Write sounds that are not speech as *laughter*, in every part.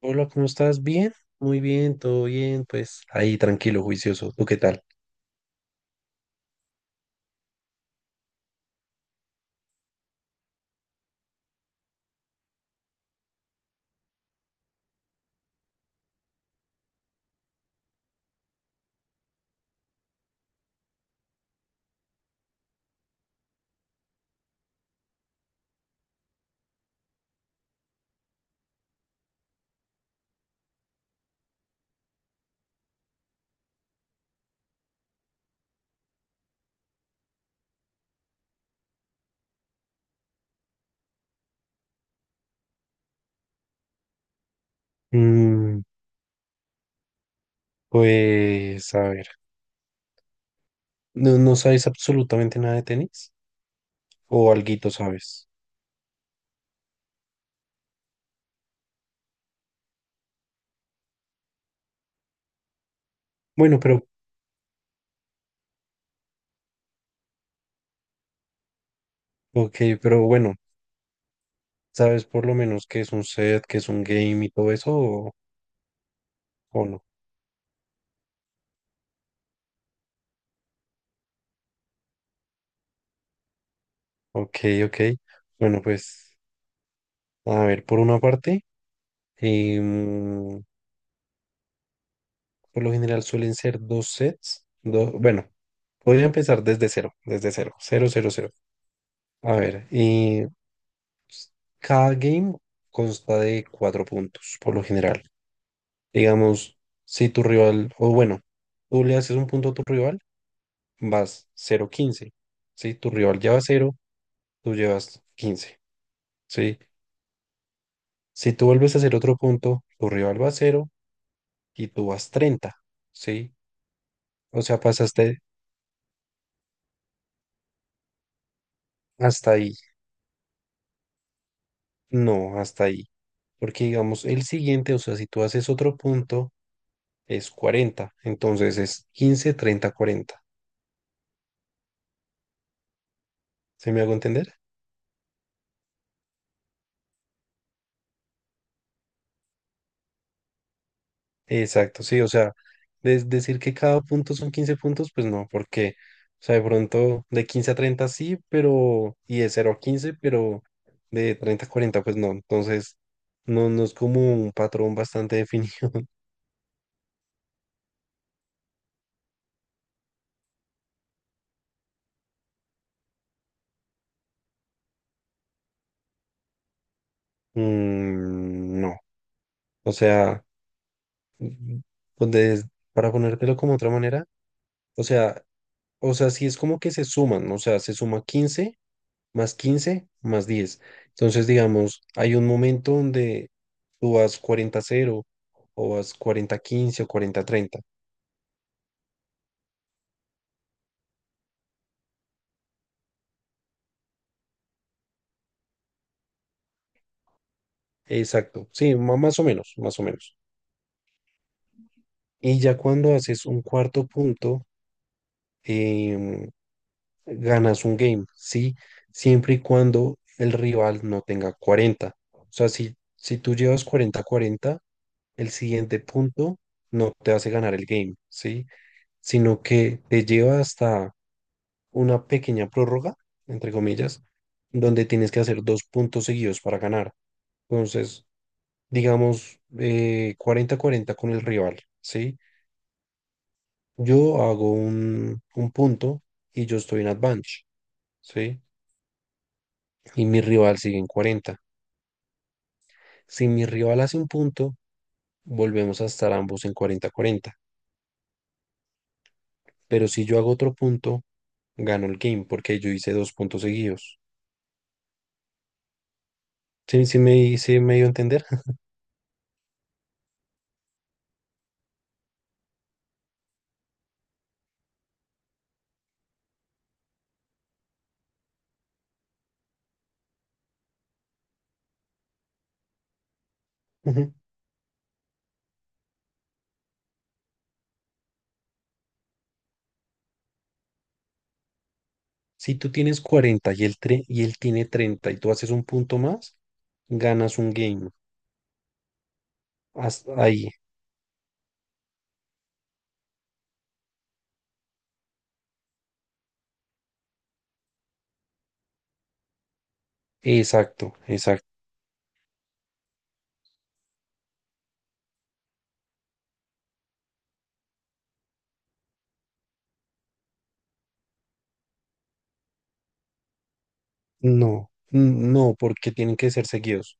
Hola, ¿cómo estás? ¿Bien? Muy bien, todo bien, pues ahí tranquilo, juicioso. ¿Tú qué tal? Mm, pues a ver, ¿No sabes absolutamente nada de tenis? ¿O alguito sabes? Bueno, pero, ok, pero bueno, ¿sabes por lo menos qué es un set, qué es un game y todo eso o no? Ok, ok. Bueno, pues a ver, por una parte, em, por lo general suelen ser dos sets, bueno, voy a empezar desde cero, cero, cero, cero. A ver, cada game consta de cuatro puntos, por lo general. Digamos, si tu rival, o bueno, tú le haces un punto a tu rival, vas cero quince. Si tu rival lleva cero, tú llevas 15. ¿Sí? Si tú vuelves a hacer otro punto, tu rival va a 0 y tú vas 30. ¿Sí? O sea, pasaste hasta ahí. No, hasta ahí. Porque digamos, el siguiente, o sea, si tú haces otro punto, es 40. Entonces es 15, 30, 40. ¿Se me hago entender? Exacto, sí, o sea, decir que cada punto son 15 puntos, pues no, porque, o sea, de pronto de 15 a 30 sí, pero, y de cero a 15, pero de 30 a 40, pues no, entonces, no, no es como un patrón bastante definido. *laughs* Mm, no, o sea, mm, pues para ponértelo como otra manera, o sea, sí es como que se suman, ¿no? O sea, se suma 15 más diez. Entonces, digamos, hay un momento donde tú vas 40 cero o vas 40 quince o 40 treinta. Exacto, sí, más o menos, más o menos. Y ya cuando haces un cuarto punto, em, ganas un game, ¿sí? Siempre y cuando el rival no tenga cuarenta. O sea, si tú llevas 40 cuarenta, el siguiente punto no te hace ganar el game, ¿sí? Sino que te lleva hasta una pequeña prórroga, entre comillas, donde tienes que hacer dos puntos seguidos para ganar. Entonces, digamos, cuarenta 40 con el rival, ¿sí? Yo hago un punto y yo estoy en advantage, ¿sí? Y mi rival sigue en cuarenta. Si mi rival hace un punto, volvemos a estar ambos en cuarenta cuarenta. Pero si yo hago otro punto, gano el game porque yo hice dos puntos seguidos. ¿Sí, sí me dio a entender? *laughs* Si tú tienes 40 y él, y él tiene 30 y tú haces un punto más, ganas un game. Hasta ahí. Exacto, exacto. No, no, porque tienen que ser seguidos.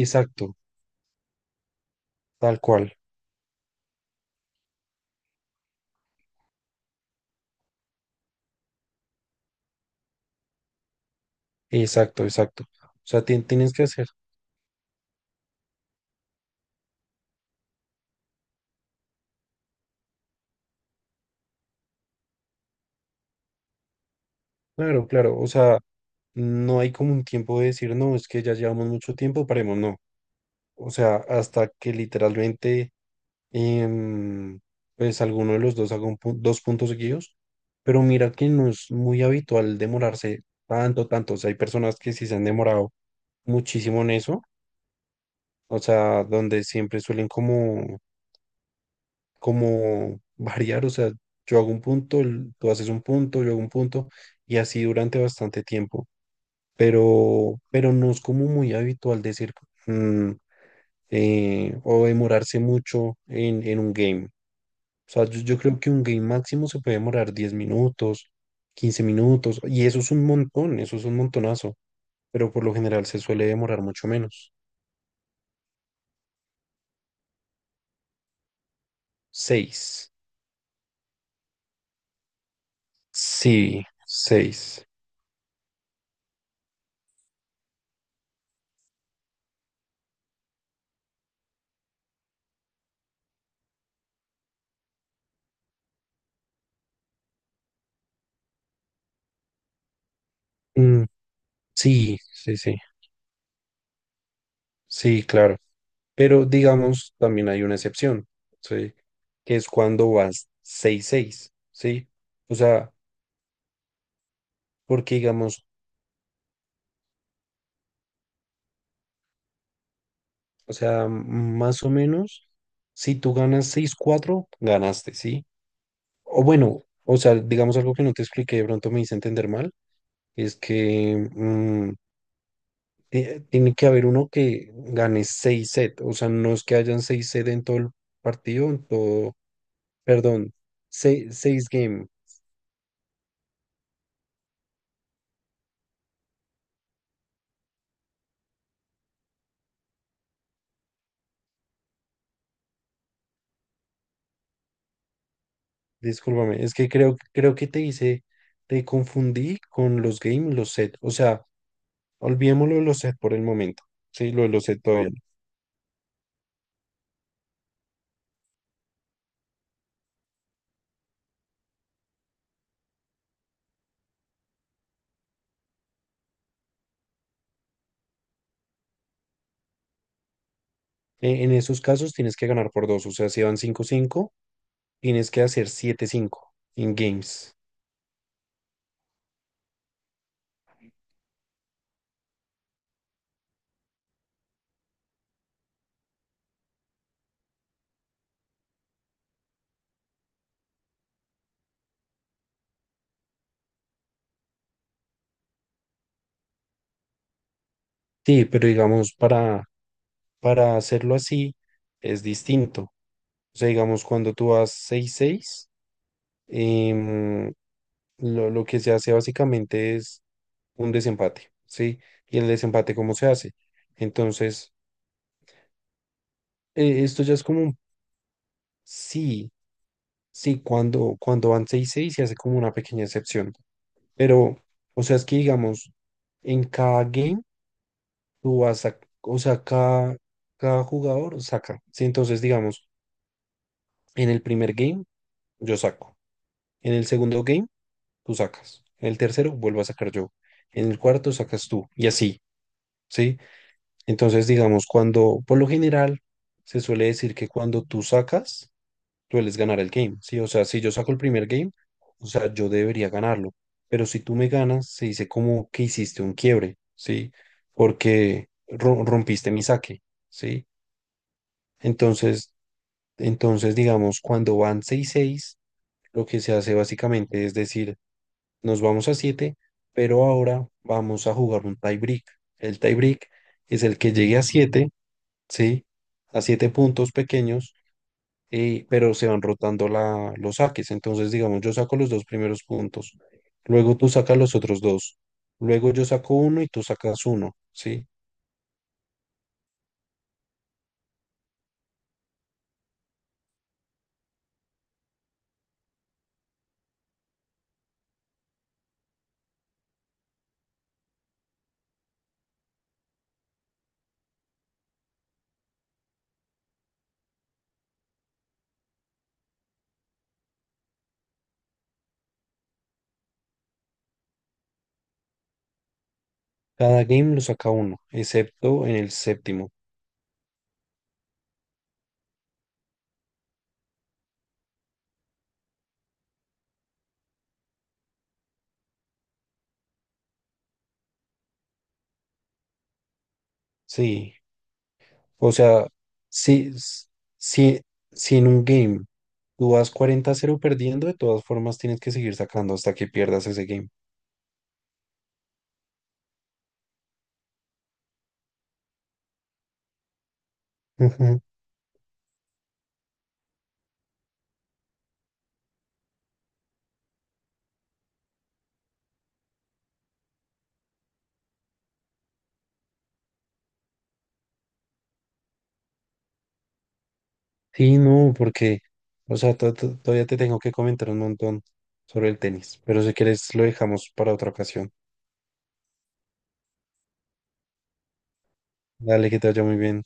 Exacto, tal cual. Exacto, exacto. O sea, tienes que hacer. Claro, claro. O sea, no hay como un tiempo de decir, no, es que ya llevamos mucho tiempo, paremos, no. O sea, hasta que literalmente em, pues alguno de los dos haga dos puntos seguidos, pero mira que no es muy habitual demorarse tanto, tanto. O sea, hay personas que sí se han demorado muchísimo en eso, o sea, donde siempre suelen como, como *laughs* variar, o sea, yo hago un punto, tú haces un punto, yo hago un punto, y así durante bastante tiempo, pero no es como muy habitual decir mm, o demorarse mucho en un game. O sea, yo creo que un game máximo se puede demorar 10 minutos, 15 minutos, y eso es un montón, eso es un montonazo, pero por lo general se suele demorar mucho menos. Seis. Sí, 6. Sí, sí, sí, sí, claro. Pero digamos, también hay una excepción, ¿sí? Que es cuando vas seis seis, ¿sí? O sea, porque digamos, o sea, más o menos, si tú ganas seis cuatro ganaste, ¿sí? O bueno, o sea, digamos algo que no te expliqué, de pronto me hice entender mal, es que tiene que haber uno que gane 6 sets, o sea, no es que hayan 6 sets en todo el partido, en todo, perdón, seis seis game, discúlpame, es que creo que te confundí con los game y los sets, o sea, olvidémoslo de los sets por el momento, sí, lo de los sets todavía. En esos casos tienes que ganar por dos, o sea, si van cinco cinco, tienes que hacer siete cinco en games. Sí, pero digamos, para hacerlo así es distinto. O sea, digamos, cuando tú vas seis seis, em, lo que se hace básicamente es un desempate, ¿sí? ¿Y el desempate cómo se hace? Entonces, esto ya es como un. Sí, sí, cuando van seis seis se hace como una pequeña excepción. Pero, o sea, es que digamos, en cada game tú vas a, o sea, cada jugador saca, ¿sí? Entonces, digamos, en el primer game yo saco. En el segundo game, tú sacas. En el tercero, vuelvo a sacar yo. En el cuarto, sacas tú. Y así, ¿sí? Entonces, digamos, cuando, por lo general, se suele decir que cuando tú sacas, sueles ganar el game, ¿sí? O sea, si yo saco el primer game, o sea, yo debería ganarlo. Pero si tú me ganas, se dice como que hiciste un quiebre, ¿sí? Porque rompiste mi saque, ¿sí? Entonces, entonces, digamos, cuando van seis seis lo que se hace básicamente es decir, nos vamos a siete, pero ahora vamos a jugar un tie break. El tie break es el que llegue a siete, ¿sí? A 7 puntos pequeños, pero se van rotando los saques. Entonces, digamos, yo saco los dos primeros puntos, luego tú sacas los otros dos, luego yo saco uno y tú sacas uno, ¿sí? Cada game lo saca uno, excepto en el séptimo, ¿sí? O sea, si, si, si en un game tú vas 40-0 perdiendo, de todas formas tienes que seguir sacando hasta que pierdas ese game. Ujú. Sí, no, porque, o sea, todavía te tengo que comentar un montón sobre el tenis, pero si quieres lo dejamos para otra ocasión. Dale, que te vaya muy bien.